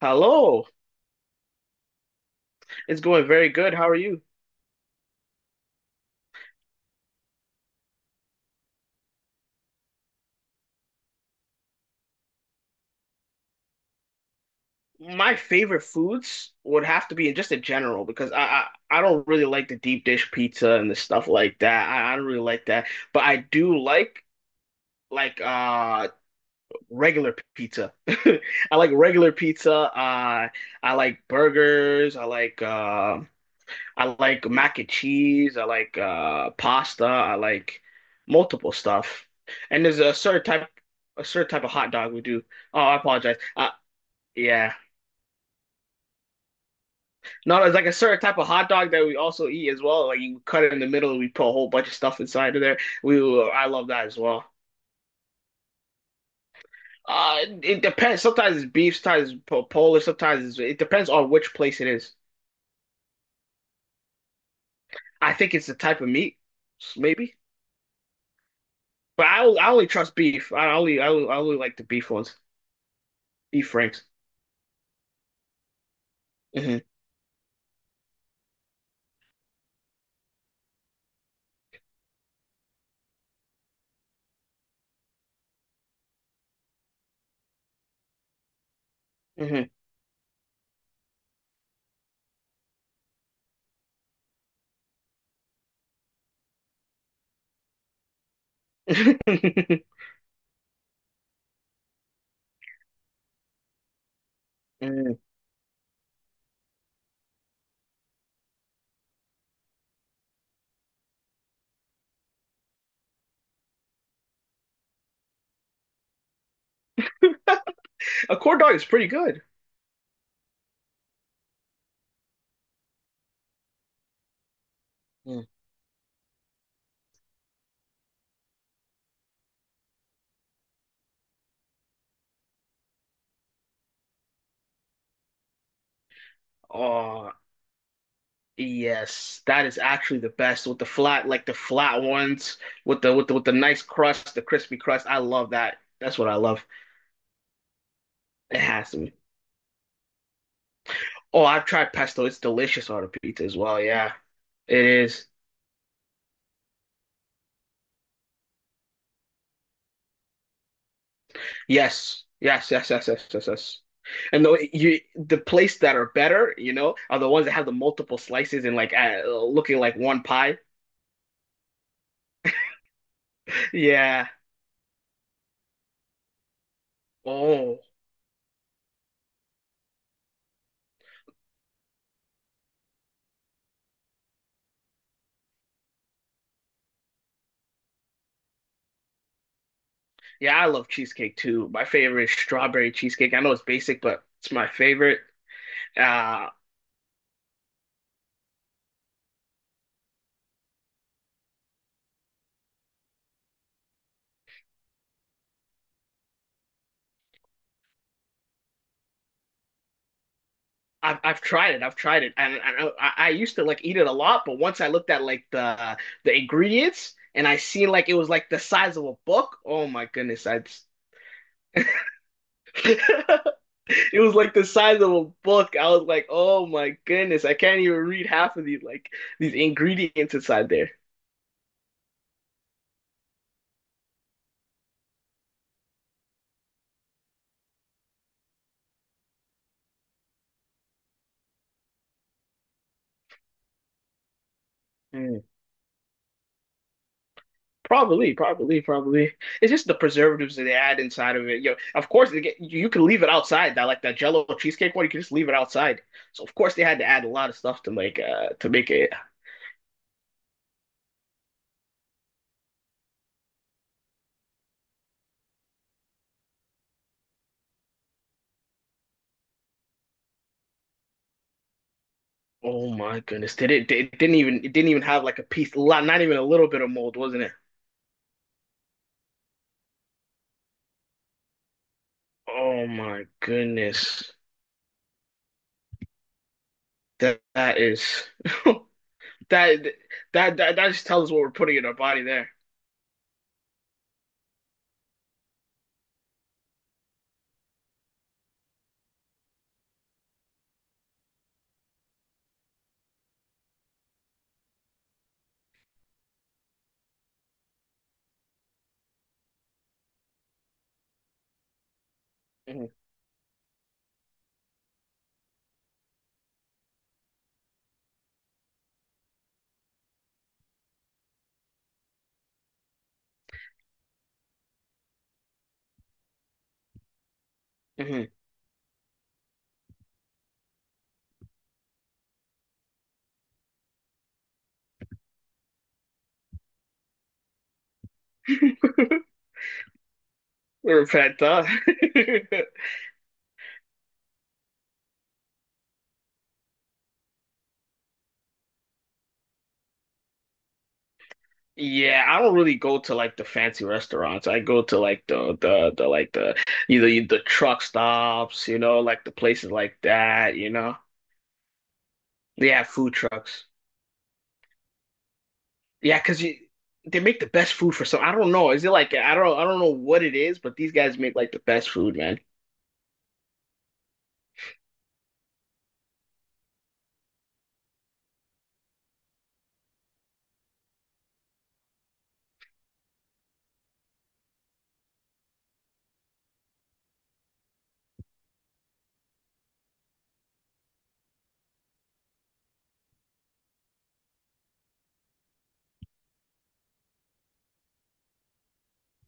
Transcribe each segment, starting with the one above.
Hello, it's going very good. How are you? My favorite foods would have to be just in general because I don't really like the deep dish pizza and the stuff like that. I don't really like that, but I do like like regular pizza. I like regular pizza. I like burgers. I like mac and cheese. I like pasta. I like multiple stuff. And there's a certain type of hot dog we do. Oh, I apologize. Yeah. No, it's like a certain type of hot dog that we also eat as well. Like you cut it in the middle, and we put a whole bunch of stuff inside of there. I love that as well. It depends. Sometimes it's beef, sometimes it's Polish, it depends on which place it is. I think it's the type of meat, maybe. But I only trust beef. I only like the beef ones, beef rings. hmm hmm A corn dog is pretty good. Mm. Oh, yes, that is actually the best with the flat, like the flat ones with the nice crust, the crispy crust. I love that. That's what I love. It has to be. Oh, I've tried pesto. It's delicious on a pizza as well. Yeah, it is. Yes, yes, yes, yes, yes, yes, yes. And the place that are better, you know, are the ones that have the multiple slices and like looking like one pie. Yeah. Oh, yeah. I love cheesecake too. My favorite is strawberry cheesecake. I know it's basic, but it's my favorite. Uh, I've tried it. I've tried it, and I used to like eat it a lot. But once I looked at like the ingredients, and I seen like it was like the size of a book. Oh my goodness! I just- it was like the size of a book. I was like, oh my goodness! I can't even read half of these like these ingredients inside there. Probably, probably, probably. It's just the preservatives that they add inside of it. You know, of course, they get, you can leave it outside. That like that Jello cheesecake one, you can just leave it outside. So of course they had to add a lot of stuff to make it. Oh my goodness, did it? It didn't even have like a piece, lot, not even a little bit of mold, wasn't it? Oh my goodness, that that is that that just tells us what we're putting in our body there. Mhm, mhm. We're a pet, huh? Yeah, I don't really go to like the fancy restaurants. I go to like the like the either the truck stops, you know, like the places like that, you know. They have food trucks. Yeah, 'cause you they make the best food for some. I don't know. Is it like I don't know what it is, but these guys make like the best food, man.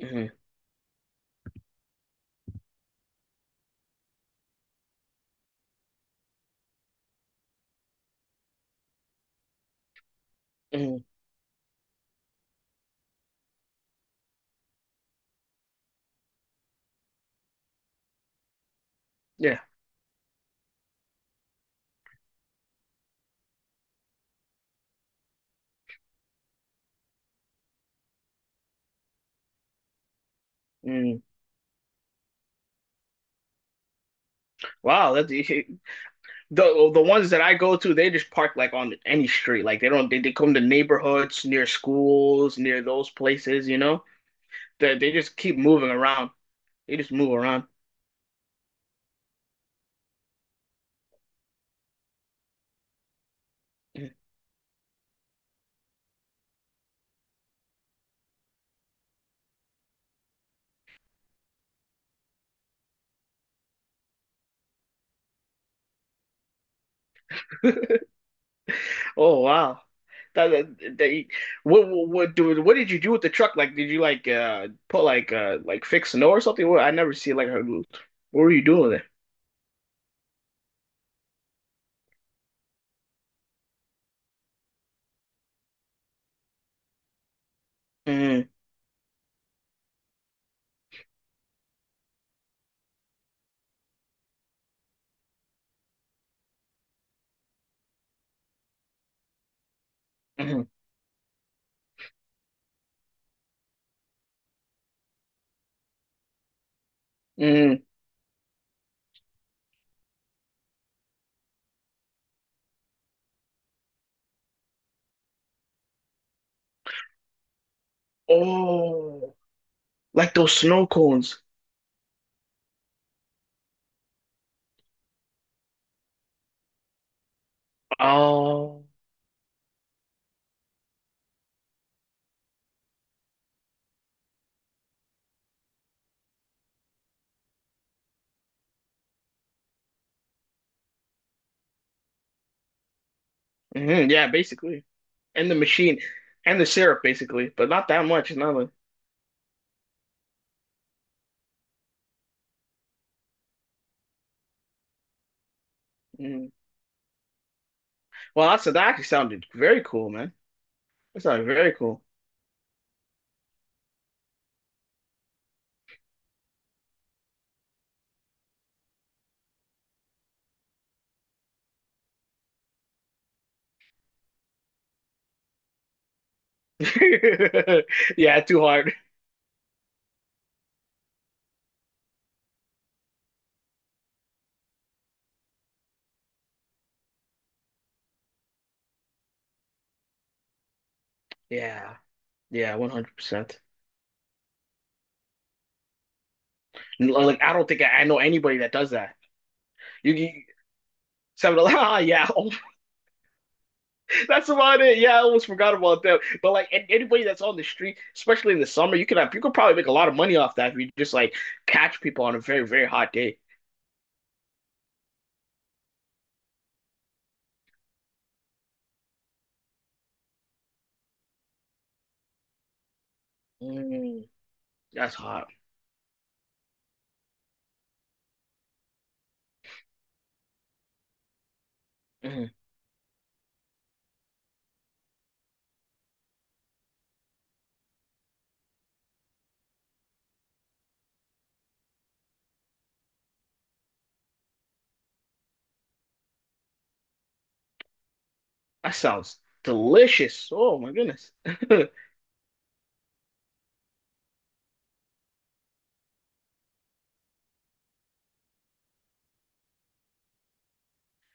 Hmm hmm Yeah. Mm. Wow, that the ones that I go to, they just park like on any street. Like they don't they come to neighborhoods near schools, near those places, you know? They just keep moving around. They just move around. Oh wow. That, that, that- what what what did you do with the truck? Like, did you like put like fix snow or something? What I never see like her. What were you doing with it? Mm, mm, mm. Oh, like those snow cones. Oh, hmm yeah, basically. And the machine and the syrup, basically, but not that much. It's not like, mm. Well, that's that actually sounded very cool, man. That sounded very cool. Yeah, too hard. Yeah, yeah, 100%. Like, I don't think I know anybody that does that. You seven ah, yeah, oh, that's about it. Yeah, I almost forgot about that. But like, an- anybody that's on the street, especially in the summer, you could probably make a lot of money off that if you just like catch people on a very, very hot day. Mm, that's hot. Mm, that sounds delicious. Oh my goodness.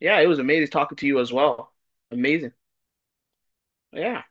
Yeah, it was amazing talking to you as well. Amazing. Yeah.